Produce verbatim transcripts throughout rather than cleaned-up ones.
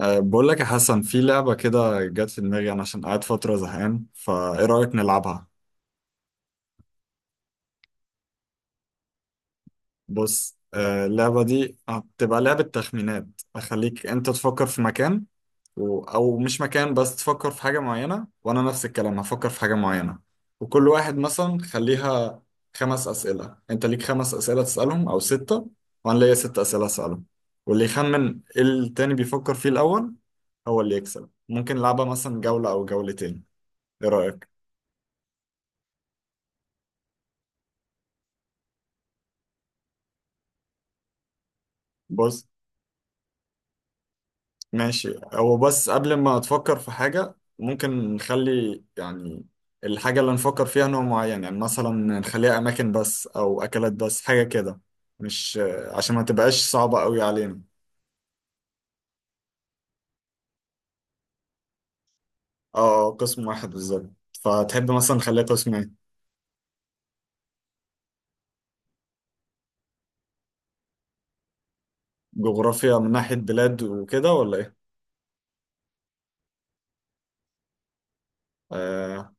أه بقول لك يا حسن، في لعبة كده جت في دماغي أنا عشان قاعد فترة زهقان، فإيه رأيك نلعبها؟ بص، أه اللعبة دي هتبقى لعبة تخمينات. أخليك أنت تفكر في مكان و... أو مش مكان، بس تفكر في حاجة معينة، وأنا نفس الكلام هفكر في حاجة معينة. وكل واحد مثلا خليها خمس أسئلة، أنت ليك خمس أسئلة تسألهم أو ستة، وأنا ليا ست أسئلة أسألهم. واللي يخمن إيه التاني بيفكر فيه الأول هو اللي يكسب. ممكن نلعبها مثلا جولة أو جولتين. إيه رأيك؟ بص ماشي، هو بس قبل ما تفكر في حاجة ممكن نخلي يعني الحاجة اللي نفكر فيها نوع معين. يعني مثلا نخليها أماكن بس أو أكلات بس، حاجة كده، مش عشان ما تبقاش صعبة قوي علينا. اه، آه، قسم واحد بالظبط. فتحب مثلا نخليها قسم ايه؟ جغرافيا من ناحية بلاد وكده ولا ايه؟ آه،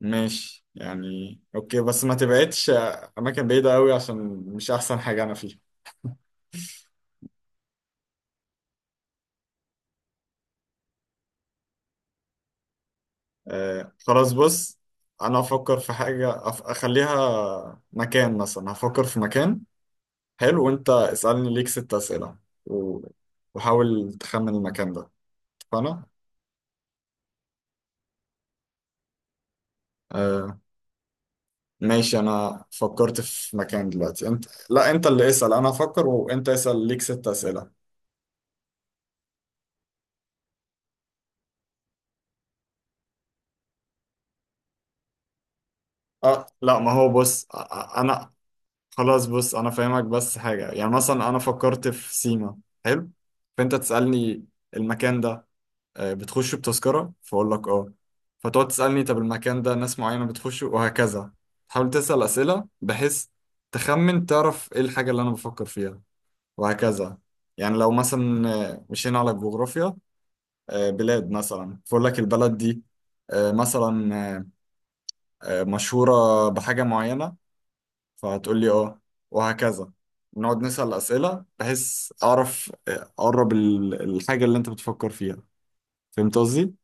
ماشي يعني اوكي، بس ما تبعدش أماكن بعيدة قوي، عشان مش أحسن حاجة أنا فيها. آه خلاص، بص، انا افكر في حاجة أف- اخليها مكان، مثلا هفكر في مكان. حلو، وانت اسألني، ليك ست اسئلة، و- وحاول تخمن المكان ده. اتفقنا؟ آه ماشي، انا فكرت في مكان دلوقتي. انت لا، انت اللي اسأل، انا افكر وانت اسأل، ليك ست اسئلة. اه لا، ما هو بص، أ- أ- انا، خلاص بص، انا فاهمك، بس حاجة يعني. مثلا انا فكرت في سيما. حلو، فانت تسألني المكان ده، آه، بتخش بتذكرة، فأقول لك اه. فتقعد تسألني طب المكان ده ناس معينة بتخش، وهكذا. تحاول تسأل أسئلة بحيث تخمن، تعرف ايه الحاجة اللي أنا بفكر فيها، وهكذا. يعني لو مثلا آه، مشينا على الجغرافيا، آه، بلاد مثلا، فأقول لك البلد دي، آه، مثلا آه، آه، مشهورة بحاجة معينة، فهتقول لي اه، وهكذا. نقعد نسأل أسئلة بحيث أعرف آه، أقرب ال- الحاجة اللي أنت بتفكر فيها. فهمت قصدي؟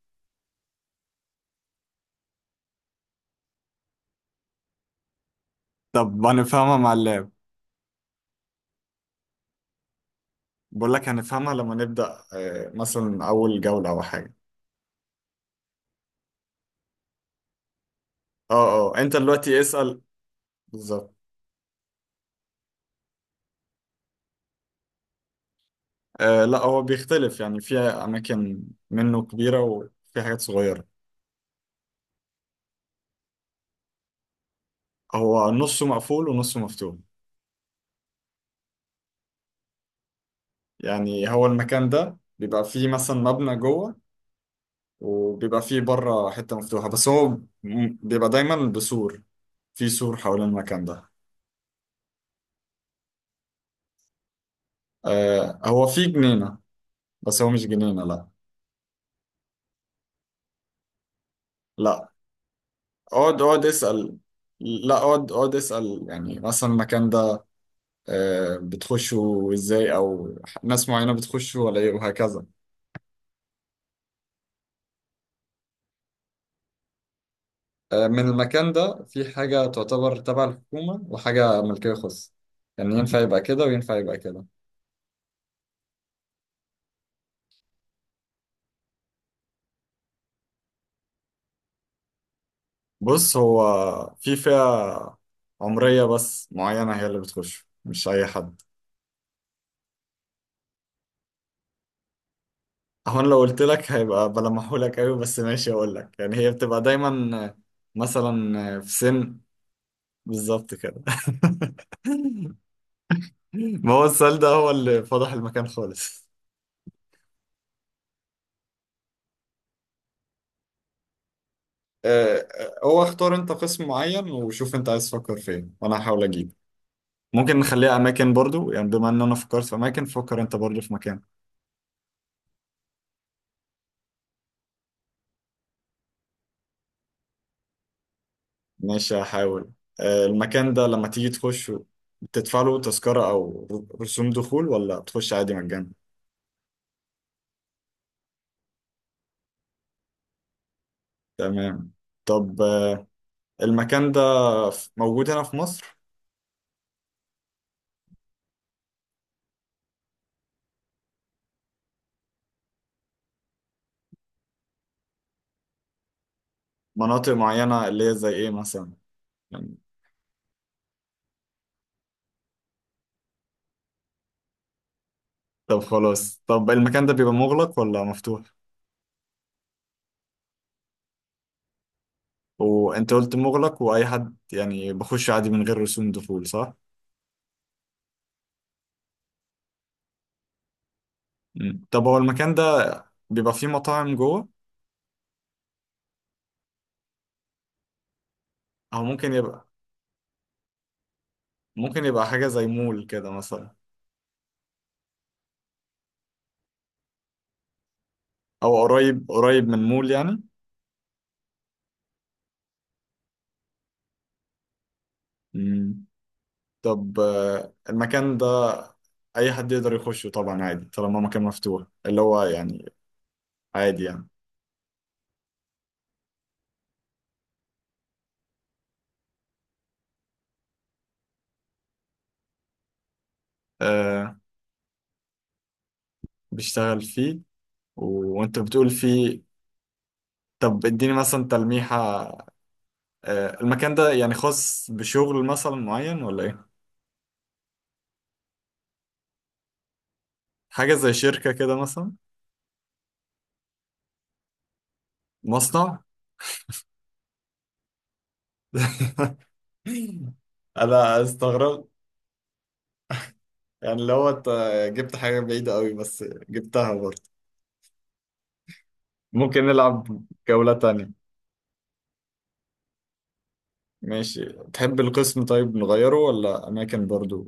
طب هنفهمها مع اللاب. بقول لك هنفهمها لما نبدأ، آه، مثلا أول جولة أو حاجة. اه اه، أنت دلوقتي اسأل. بالظبط. آه لا، هو بيختلف، يعني في أماكن منه كبيرة وفي حاجات صغيرة. هو نصه مقفول ونصه مفتوح. يعني هو المكان ده بيبقى فيه مثلا مبنى جوه، وبيبقى فيه بره حتة مفتوحة، بس هو م- بيبقى دايما بسور، في سور حوالين المكان ده. آه هو فيه جنينة، بس هو مش جنينة، لا. لا اقعد اقعد اسأل. لا اقعد اقعد اسأل، يعني مثلا المكان ده آه، بتخشوا ازاي، او ناس معينة بتخشوا ولا ايه، وهكذا. آه، من المكان ده في حاجة تعتبر تبع الحكومة، وحاجة ملكية خاصة. يعني ينفع يبقى كده وينفع يبقى كده. بص، هو في فئة عمرية بس معينة هي اللي بتخش، مش أي حد. هو أنا لو قلت لك هيبقى بلمحولك أوي، بس ماشي أقول لك، يعني هي بتبقى دايما مثلا في سن. بالظبط كده ما هو السؤال ده هو اللي فضح المكان خالص. آه، آه، هو اختار انت قسم معين، وشوف انت عايز تفكر فين، وانا هحاول اجيب. ممكن نخليها اماكن برضو، يعني بما ان انا فكرت في اماكن، فكر انت برضو في مكان. ماشي هحاول. آه، المكان ده لما تيجي تخش، تدفع له تذكرة او ر- رسوم دخول، ولا تخش عادي مجانا؟ تمام. طب آه، المكان ده ف- موجود هنا في مصر؟ مناطق معينة اللي هي زي ايه مثلا يعني؟ طب خلاص، طب المكان ده بيبقى مغلق ولا مفتوح؟ وانت قلت مغلق، واي حد يعني بخش عادي من غير رسوم دخول، صح؟ مم. طب هو المكان ده بيبقى فيه مطاعم جوه، او ممكن يبقى، ممكن يبقى حاجة زي مول كده مثلا، او قريب قريب من مول يعني؟ مم. طب آه، المكان ده اي حد يقدر يخشه طبعا عادي، طالما مكان مفتوح اللي هو يعني عادي يعني. آه بيشتغل فيه و... وانت بتقول فيه. طب اديني مثلا تلميحة، آه، المكان ده يعني خاص بشغل مثلا معين ولا ايه؟ حاجة زي شركة كده مثلا؟ مصنع. انا استغربت. يعني لو انت جبت حاجة بعيدة قوي، بس جبتها برضه. ممكن نلعب جولة تانية. ماشي، تحب القسم طيب نغيره ولا اماكن برضه؟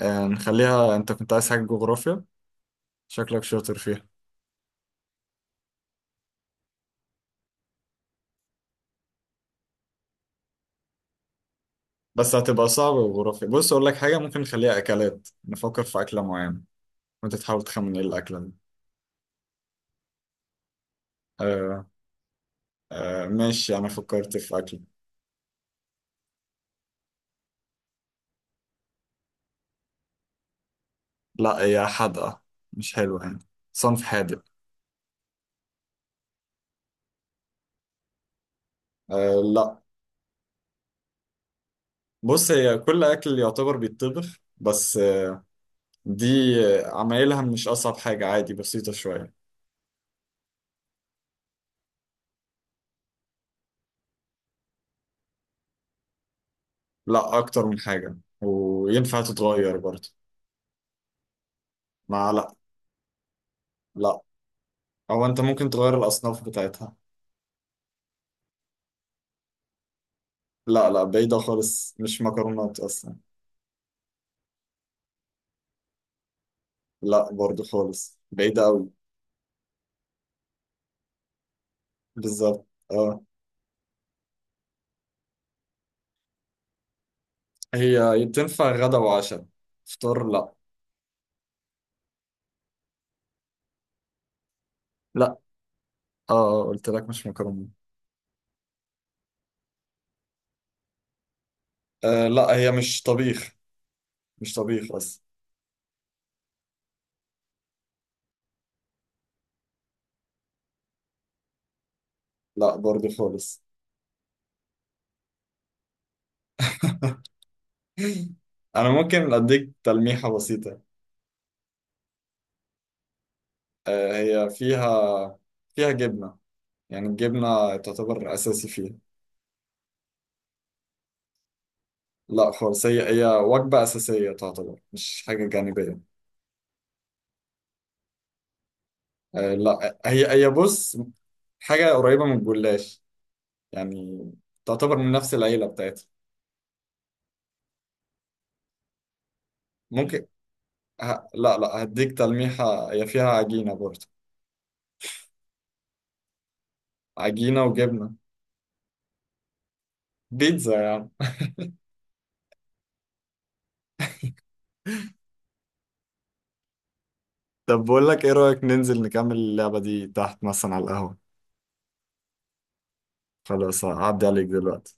آه، نخليها، انت كنت عايز حاجة جغرافيا، شكلك شاطر فيها. بس هتبقى صعبة جغرافيا. بص اقول لك حاجة، ممكن نخليها اكلات، نفكر في اكلة معينة وانت تحاول تخمن ايه الاكلة دي. آه، آه ماشي، أنا فكرت في أكل. لا، هي حادقة، مش حلوة يعني، صنف حادق. آه لا، بص، هي كل أكل يعتبر بيتطبخ، بس آه، دي آه، عمايلها مش أصعب حاجة، عادي، بسيطة شوية. لا، أكتر من حاجة وينفع تتغير برضه. مع لا. لا، أو أنت ممكن تغير الأصناف بتاعتها. لا لا، بعيدة خالص، مش مكرونات أصلا. لا، برضه خالص بعيدة أوي. بالظبط اه. هي تنفع غدا وعشاء، فطار لا. لا، اه اه، قلت لك مش مكرونه. آه لا، هي مش طبيخ، مش طبيخ اصلا. لا، برضه خالص. انا ممكن اديك تلميحة بسيطة. آه، هي فيها، فيها جبنة، يعني الجبنة تعتبر اساسي فيها. لا خالص، هي هي وجبة اساسية تعتبر، مش حاجة جانبية. آه لا، هي هي بص، حاجة قريبة من الجلاش، يعني تعتبر من نفس العيلة بتاعتها. ممكن ه... لا لا، هديك تلميحة، هي فيها عجينة برضه، عجينة وجبنة. بيتزا يا عم. طب بقول لك ايه رأيك ننزل نكمل اللعبة دي تحت مثلا على القهوة؟ خلاص هعدي عليك دلوقتي.